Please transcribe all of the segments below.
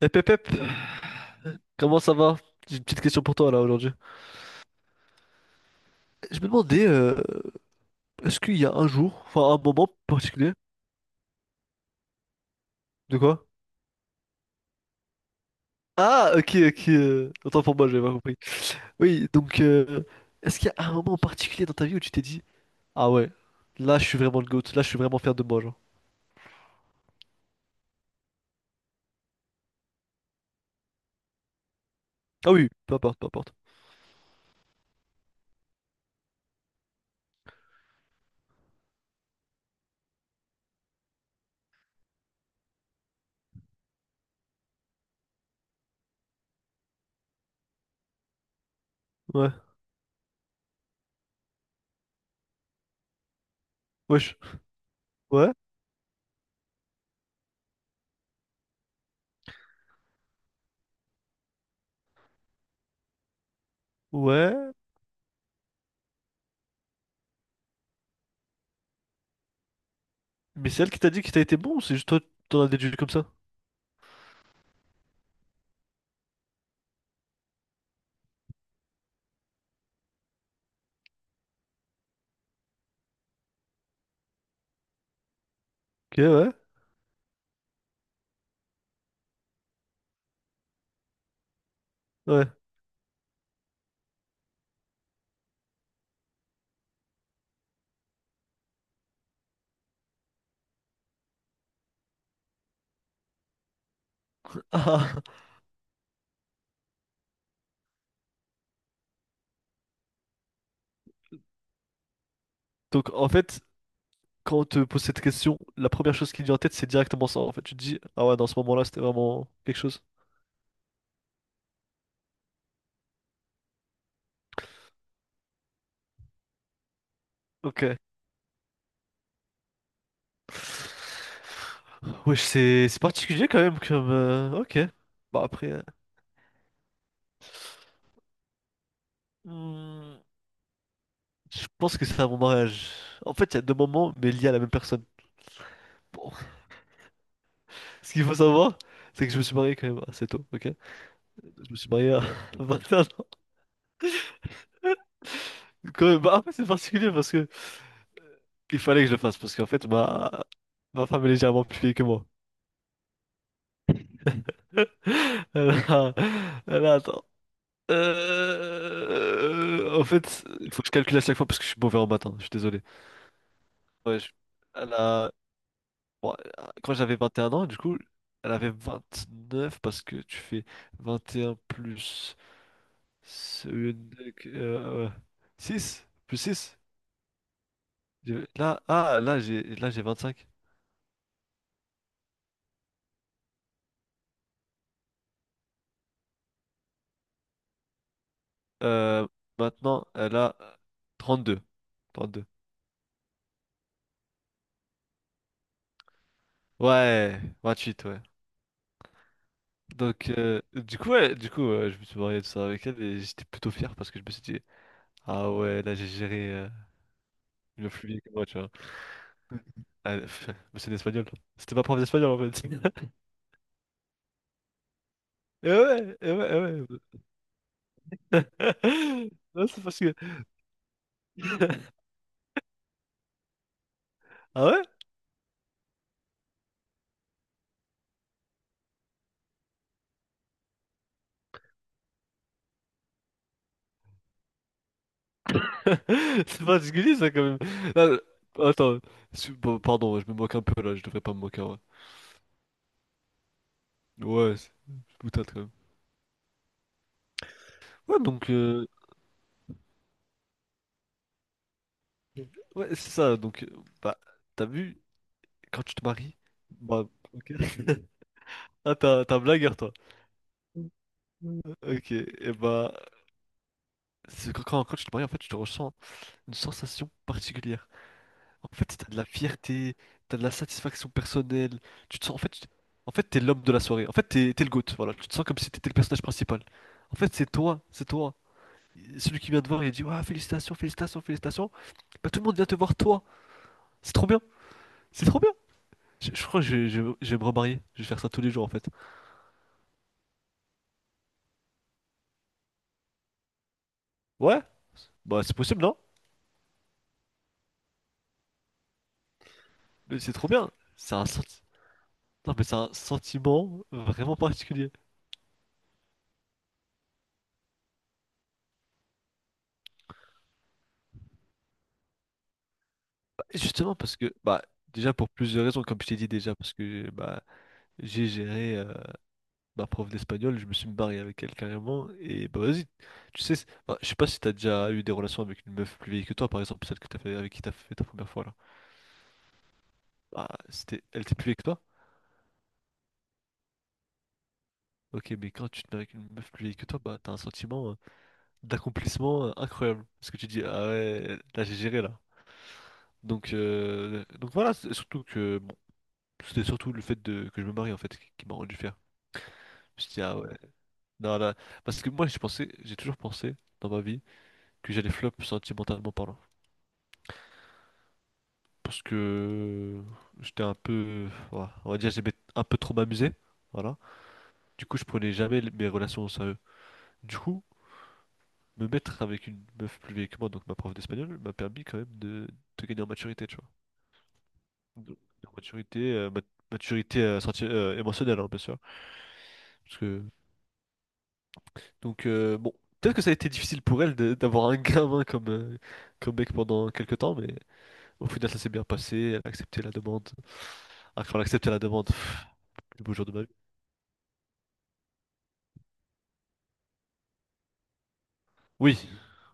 Eh Pep, Pep, comment ça va? J'ai une petite question pour toi là aujourd'hui. Je me demandais, est-ce qu'il y a un jour, enfin un moment particulier? De quoi? Ah, ok, ok, autant pour moi, j'avais pas compris. Oui, donc, est-ce qu'il y a un moment particulier dans ta vie où tu t'es dit, ah ouais, là je suis vraiment le GOAT, là je suis vraiment fier de moi, genre. Ah oui, peu importe, peu importe. Ouais, wesh, ouais, ouais. Mais c'est elle qui t'a dit que t'as été bon, ou c'est juste toi, t'en as déduit comme ça? Ok, ouais, ouais. Ah, donc en fait, quand on te pose cette question, la première chose qui te vient en tête, c'est directement ça, en fait. Tu te dis, ah ouais, dans ce moment-là, c'était vraiment quelque chose. Ok. Wesh, c'est particulier quand même comme... Ok. Bah après... hmm, je pense que c'est à mon mariage. En fait, il y a deux moments, mais liés à la même personne. Bon. Ce qu'il faut savoir, c'est que je me suis marié quand même assez tôt, ok? Je me suis marié à 21 ans. Quand même, bah après, c'est particulier parce que... Il fallait que je le fasse, parce qu'en fait, ma femme est légèrement plus vieille que moi. Alors, attends. En fait, il faut que je calcule à chaque fois parce que je suis mauvais en matin, je suis désolé. Ouais, elle a- bon, quand j'avais 21 ans, du coup, elle avait 29 parce que tu fais 21 plus 6 plus 6. Là, ah, là, j'ai 25. Euh, maintenant, elle a trente deux, 32. Ouais, 28, ouais. Donc, du coup, ouais, du coup je me suis marié tout ça avec elle et j'étais plutôt fier parce que je me suis dit, ah ouais, là j'ai géré le flux bien que moi, tu vois. Ah, pff, mais c'est l'espagnol. C'était ma prof d'espagnol en fait. Et ouais, et ouais, et ouais. Non, c'est particulier. Ah ouais? C'est particulier ça quand même. Non, non, attends, bon, pardon, je me moque un peu là, je devrais pas me moquer. Ouais, ouais c'est boutade quand même. Ouais, donc, ouais, c'est ça. Donc, bah, t'as vu, quand tu te maries, bah, ok. Ah, t'as un blagueur, toi. Ok, et bah, c'est quand tu te maries, en fait, tu te ressens une sensation particulière. En fait, t'as de la fierté, t'as de la satisfaction personnelle. Tu te sens, en fait, en fait, t'es l'homme de la soirée. En fait, t'es le GOAT, voilà. Tu te sens comme si t'étais le personnage principal. En fait, c'est toi, c'est toi. Et celui qui vient te voir, il dit, ouais, félicitations, félicitations, félicitations. Bah, tout le monde vient te voir, toi. C'est trop bien, c'est trop bien. Je crois que je vais me remarier. Je vais faire ça tous les jours, en fait. Ouais, bah, c'est possible, non? Mais c'est trop bien. C'est un sentiment. Non, mais c'est un sentiment vraiment particulier. Bah, justement parce que, bah, déjà pour plusieurs raisons, comme je t'ai dit déjà, parce que bah, j'ai géré ma prof d'espagnol, je me suis marié avec elle carrément, et bah vas-y, tu sais, bah, je sais pas si t'as déjà eu des relations avec une meuf plus vieille que toi, par exemple, celle que t'as fait, avec qui t'as fait ta première fois là. Bah, c'était, elle était plus vieille que toi? Ok, mais quand tu te mets avec une meuf plus vieille que toi, bah t'as un sentiment d'accomplissement incroyable. Parce que tu dis, ah ouais, là j'ai géré là. Donc voilà, surtout que, bon, c'était surtout le fait de, que je me marie en fait qui m'a rendu fier. Je me suis dit, ah ouais, non, là, parce que moi j'ai pensé, j'ai toujours pensé dans ma vie que j'allais flop sentimentalement parlant. Parce que j'étais un peu, voilà, on va dire, j'aimais un peu trop m'amuser. Voilà. Du coup, je prenais jamais mes relations au sérieux. Du coup, me mettre avec une meuf plus vieille que moi, donc ma prof d'espagnol, m'a permis quand même de gagner en maturité, tu vois. De- de maturité, maturité émotionnelle, hein, bien sûr. Parce que Donc bon, peut-être que ça a été difficile pour elle d'avoir un gamin comme, comme mec pendant quelques temps, mais au final ça s'est bien passé, elle a accepté la demande. Ah, quand elle a accepté la demande, pff, le beau jour de ma vie. Oui,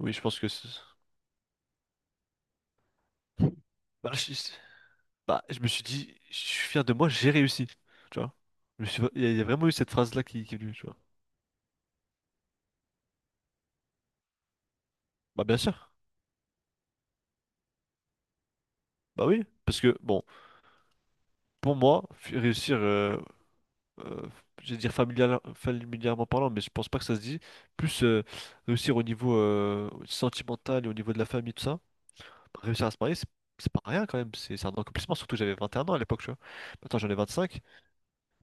oui, je pense que... Bah, je me suis dit, je suis fier de moi, j'ai réussi. Tu vois? Il y a vraiment eu cette phrase-là qui est venue, tu vois. Bah bien sûr, bah oui, parce que bon, pour moi, réussir, euh, je vais dire familièrement parlant, mais je pense pas que ça se dit. Plus réussir au niveau sentimental et au niveau de la famille, tout ça. Réussir à se marier, c'est pas rien quand même. C'est un accomplissement, surtout que j'avais 21 ans à l'époque, tu vois. Maintenant j'en ai 25.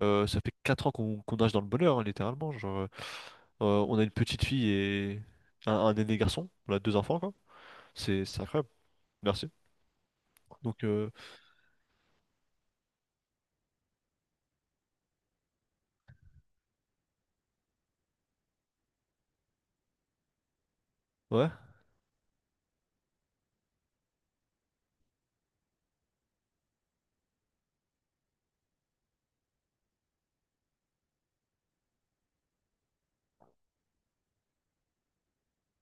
Ça fait 4 ans qu'on nage dans le bonheur, hein, littéralement. Genre, on a une petite fille et un aîné garçon. On a deux enfants, quoi. C'est incroyable. Merci. Donc, ouais.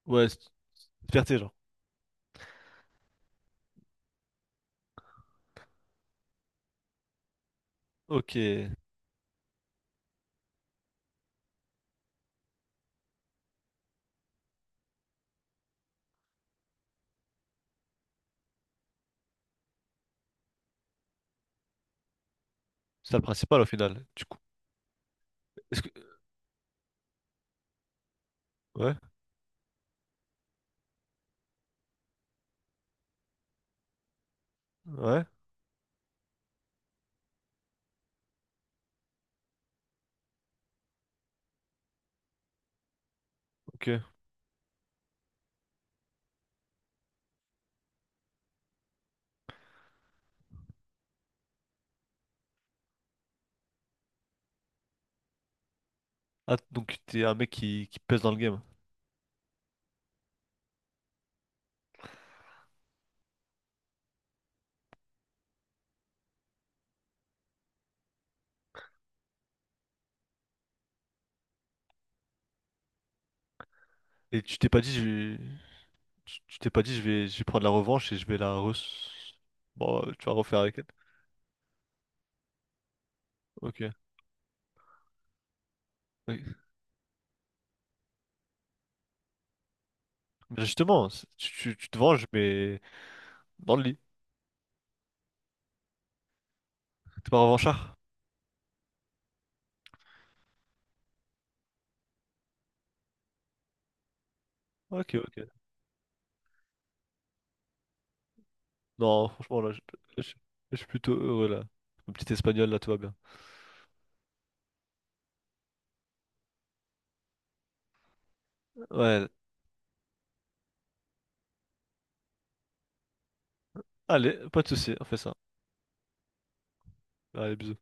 Ouais, fierté, genre. Ok. C'est ça le principal au final. Du coup, est-ce que. Ouais, ouais, ok. Ah, donc t'es un mec qui pèse dans le game. Et tu t'es pas dit, je vais... tu t'es pas dit, je vais prendre la revanche et je vais la re... Bon, tu vas refaire avec elle. Ok. Oui. Mais justement, tu te venges, mais dans le lit. T'es pas revanchard? Ok, ok. Non, franchement, là, je- je suis plutôt heureux, là. Mon petit espagnol, là, tout va bien. Ouais, allez, pas de soucis, on fait ça. Allez, bisous.